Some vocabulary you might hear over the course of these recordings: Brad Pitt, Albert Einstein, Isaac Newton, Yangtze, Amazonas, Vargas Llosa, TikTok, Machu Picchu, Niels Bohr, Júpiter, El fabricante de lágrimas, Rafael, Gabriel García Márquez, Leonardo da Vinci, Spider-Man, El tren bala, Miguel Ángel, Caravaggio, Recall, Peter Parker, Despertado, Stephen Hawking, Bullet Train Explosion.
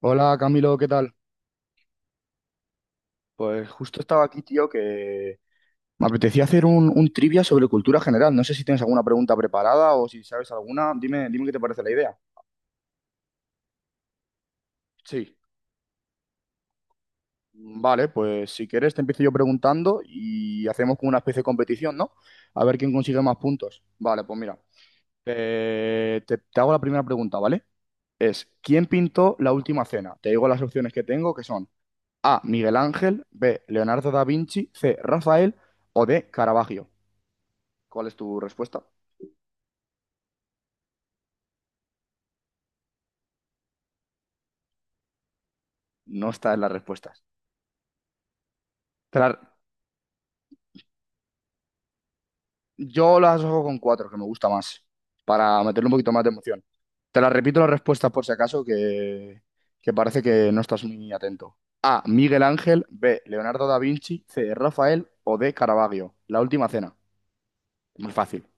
Hola Camilo, ¿qué tal? Pues justo estaba aquí, tío, que me apetecía hacer un trivia sobre cultura general. No sé si tienes alguna pregunta preparada o si sabes alguna. Dime qué te parece la idea. Sí. Vale, pues si quieres te empiezo yo preguntando y hacemos como una especie de competición, ¿no? A ver quién consigue más puntos. Vale, pues mira, te hago la primera pregunta, ¿vale? Es, ¿quién pintó la última cena? Te digo las opciones que tengo, que son A, Miguel Ángel, B, Leonardo da Vinci, C, Rafael o D, Caravaggio. ¿Cuál es tu respuesta? No está en las respuestas. Te la- Yo las hago con cuatro, que me gusta más, para meterle un poquito más de emoción. Te las repito las respuestas por si acaso, que parece que no estás muy atento. A. Miguel Ángel. B. Leonardo da Vinci. C. Rafael. O D. Caravaggio. La última cena. Muy fácil.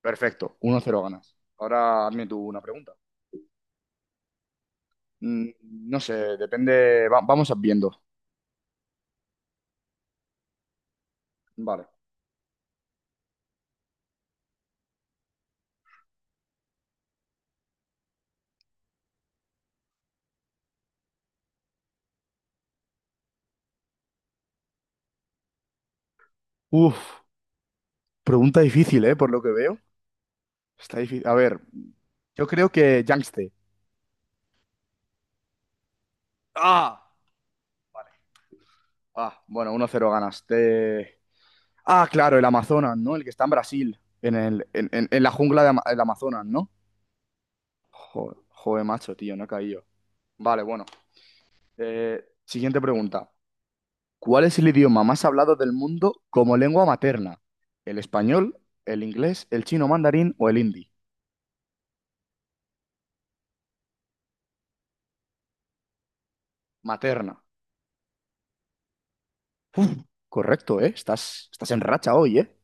Perfecto. Uno cero ganas. Ahora hazme tú una pregunta. Mm, No sé, depende. Vamos viendo. Vale. Uf, pregunta difícil, ¿eh? Por lo que veo. Está difícil. A ver, yo creo que Yangtze. ¡Ah! Ah, bueno, uno cero ganas. Ah, claro, el Amazonas, ¿no? El que está en Brasil, en, el, en la jungla de del Amazonas, ¿no? Joder, joder, macho, tío, no he caído. Vale, bueno. Siguiente pregunta. ¿Cuál es el idioma más hablado del mundo como lengua materna? ¿El español, el inglés, el chino mandarín o el hindi? Materna. Correcto, ¿eh? Estás en racha hoy, eh.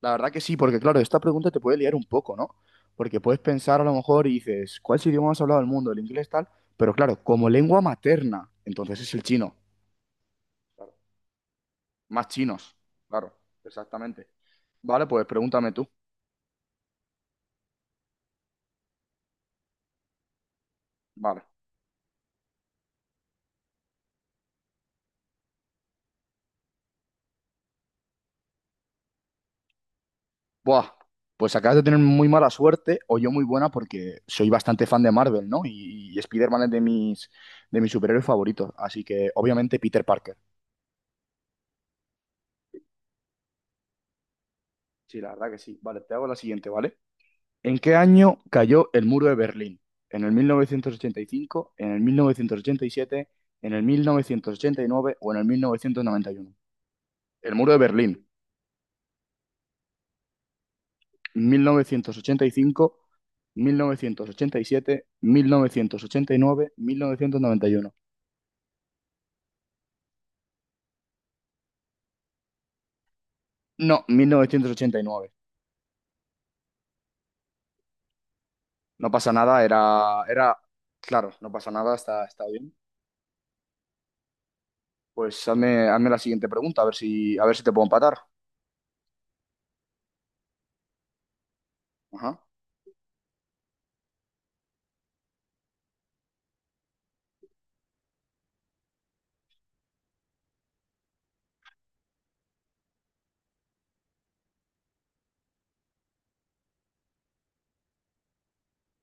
La verdad que sí, porque claro, esta pregunta te puede liar un poco, ¿no? Porque puedes pensar a lo mejor y dices, ¿cuál es el idioma más hablado del mundo? El inglés tal, pero claro, como lengua materna, entonces es el chino. Más chinos, claro, exactamente. Vale, pues pregúntame tú. Vale. Buah, pues acabas de tener muy mala suerte o yo muy buena porque soy bastante fan de Marvel, ¿no? Y Spider-Man es de de mis superhéroes favoritos, así que obviamente Peter Parker. Sí, la verdad que sí. Vale, te hago la siguiente, ¿vale? ¿En qué año cayó el muro de Berlín? ¿En el 1985, en el 1987, en el 1989 o en el 1991? El muro de Berlín, mil novecientos ochenta y cinco, siete, nueve, 1991. No, 1989. No pasa nada, claro, no pasa nada, está bien. Pues hazme la siguiente pregunta, a ver si te puedo empatar. Ajá.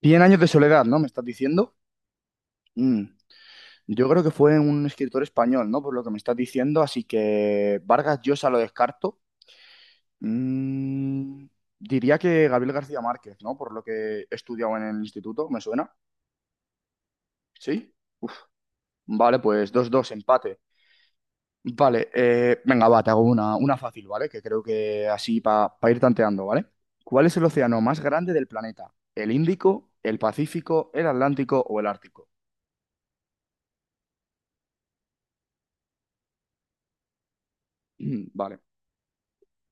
100 años de soledad, ¿no? ¿Me estás diciendo? Mm. Yo creo que fue un escritor español, ¿no? Por lo que me estás diciendo, así que Vargas Llosa lo descarto. Mm, diría que Gabriel García Márquez, ¿no? Por lo que he estudiado en el instituto, ¿me suena? ¿Sí? Uf, vale, pues dos dos empate. Vale, venga, va, te hago una fácil, ¿vale? Que creo que así para ir tanteando, ¿vale? ¿Cuál es el océano más grande del planeta? ¿El Índico, el Pacífico, el Atlántico o el Ártico? Vale.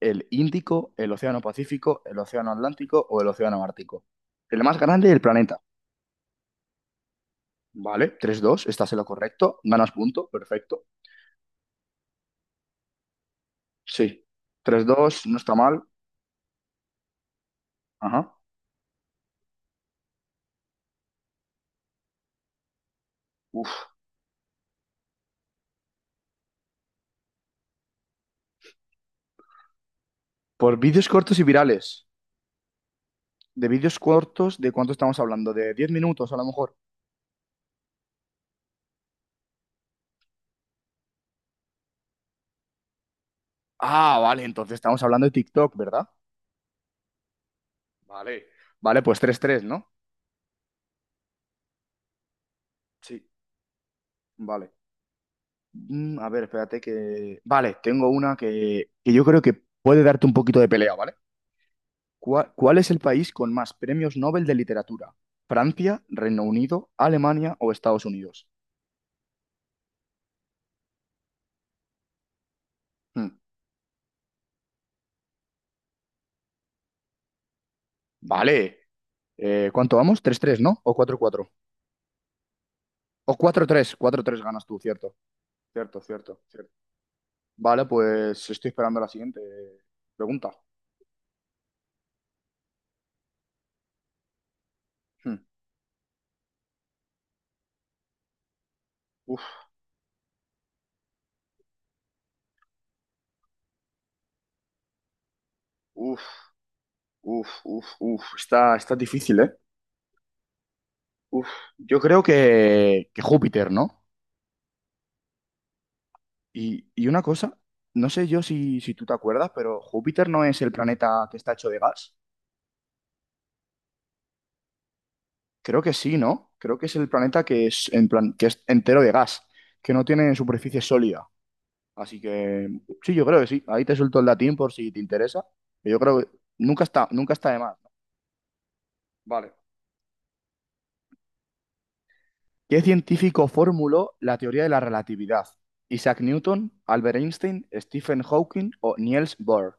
El Índico, el Océano Pacífico, el Océano Atlántico o el Océano Ártico. El más grande del planeta. Vale, tres dos, estás en lo correcto. Ganas punto, perfecto. Sí. Tres dos, no está mal. Ajá. Uf. Por vídeos cortos y virales. ¿De vídeos cortos de cuánto estamos hablando? ¿De 10 minutos a lo mejor? Ah, vale, entonces estamos hablando de TikTok, ¿verdad? Vale. Vale, pues tres tres, ¿no? Sí. Vale. A ver, espérate que... Vale, tengo una que yo creo que puede darte un poquito de pelea, ¿vale? ¿Cuál es el país con más premios Nobel de literatura? ¿Francia, Reino Unido, Alemania o Estados Unidos? Hmm, Vale. ¿Cuánto vamos? Tres tres, ¿o 4-4? O cuatro cuatro. O cuatro tres, cuatro tres ganas tú, cierto. Cierto, cierto, cierto. Vale, pues estoy esperando la siguiente pregunta. Hmm, Uf, uf, uf, uf, uf. Está difícil, ¿eh? Uf. Yo creo que Júpiter, ¿no? Y una cosa, no sé yo si tú te acuerdas, pero Júpiter no es el planeta que está hecho de gas. Creo que sí, ¿no? Creo que es el planeta que es, en plan, que es entero de gas, que no tiene superficie sólida. Así que sí, yo creo que sí. Ahí te suelto el latín por si te interesa. Yo creo que nunca está de más. ¿No? Vale. ¿Qué científico formuló la teoría de la relatividad? Isaac Newton, Albert Einstein, Stephen Hawking o Niels Bohr.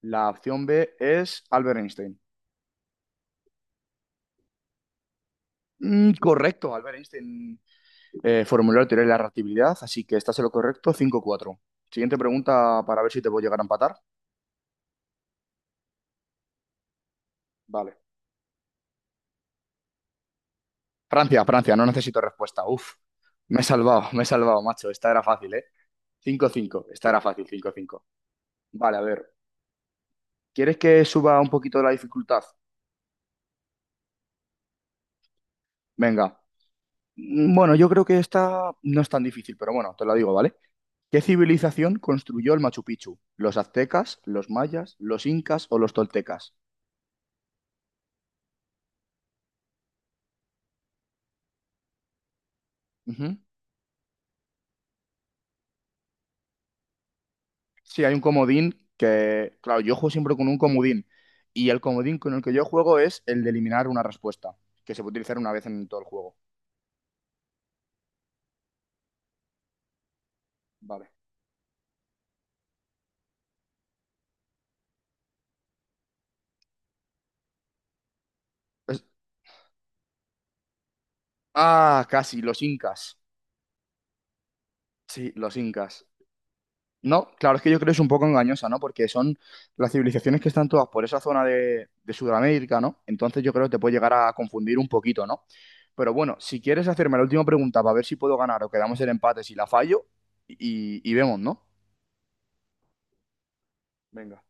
La opción B es Albert Einstein. Mm, correcto, Albert Einstein. Formular teoría de la reactividad, así que estás en lo correcto, cinco cuatro. Siguiente pregunta para ver si te puedo llegar a empatar. Vale. Francia, Francia, no necesito respuesta. Uf, me he salvado, macho. Esta era fácil, eh. Cinco cinco. Esta era fácil, cinco cinco. Vale, a ver. ¿Quieres que suba un poquito la dificultad? Venga. Bueno, yo creo que esta no es tan difícil, pero bueno, te lo digo, ¿vale? ¿Qué civilización construyó el Machu Picchu? ¿Los aztecas, los mayas, los incas o los toltecas? Ujú. Sí, hay un comodín que, claro, yo juego siempre con un comodín y el comodín con el que yo juego es el de eliminar una respuesta, que se puede utilizar una vez en todo el juego. Vale. Es- Ah, casi, los incas. Sí, los incas. No, claro, es que yo creo que es un poco engañosa, ¿no? Porque son las civilizaciones que están todas por esa zona de Sudamérica, ¿no? Entonces yo creo que te puede llegar a confundir un poquito, ¿no? Pero bueno, si quieres hacerme la última pregunta para ver si puedo ganar o quedamos el empate, si la fallo, y vemos, ¿no? Venga,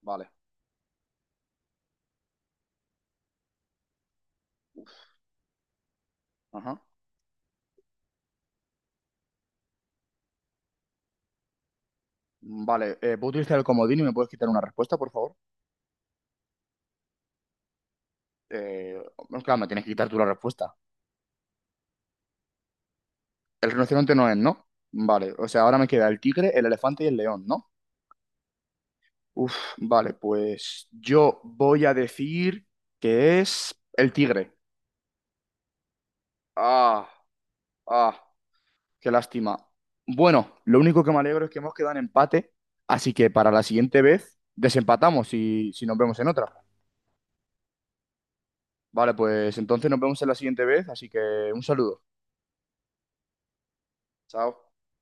vale. Ajá. Vale, ¿puedo utilizar el comodín y me puedes quitar una respuesta, por favor? Eh, no, claro, me tienes que quitar tú la respuesta. El rinoceronte no es, ¿no? Vale, o sea, ahora me queda el tigre, el elefante y el león, ¿no? Uf, vale, pues yo voy a decir que es el tigre. Ah, ah, qué lástima. Bueno, lo único que me alegro es que hemos quedado en empate, así que para la siguiente vez desempatamos y si nos vemos en otra. Vale, pues entonces nos vemos en la siguiente vez, así que un saludo. Chao.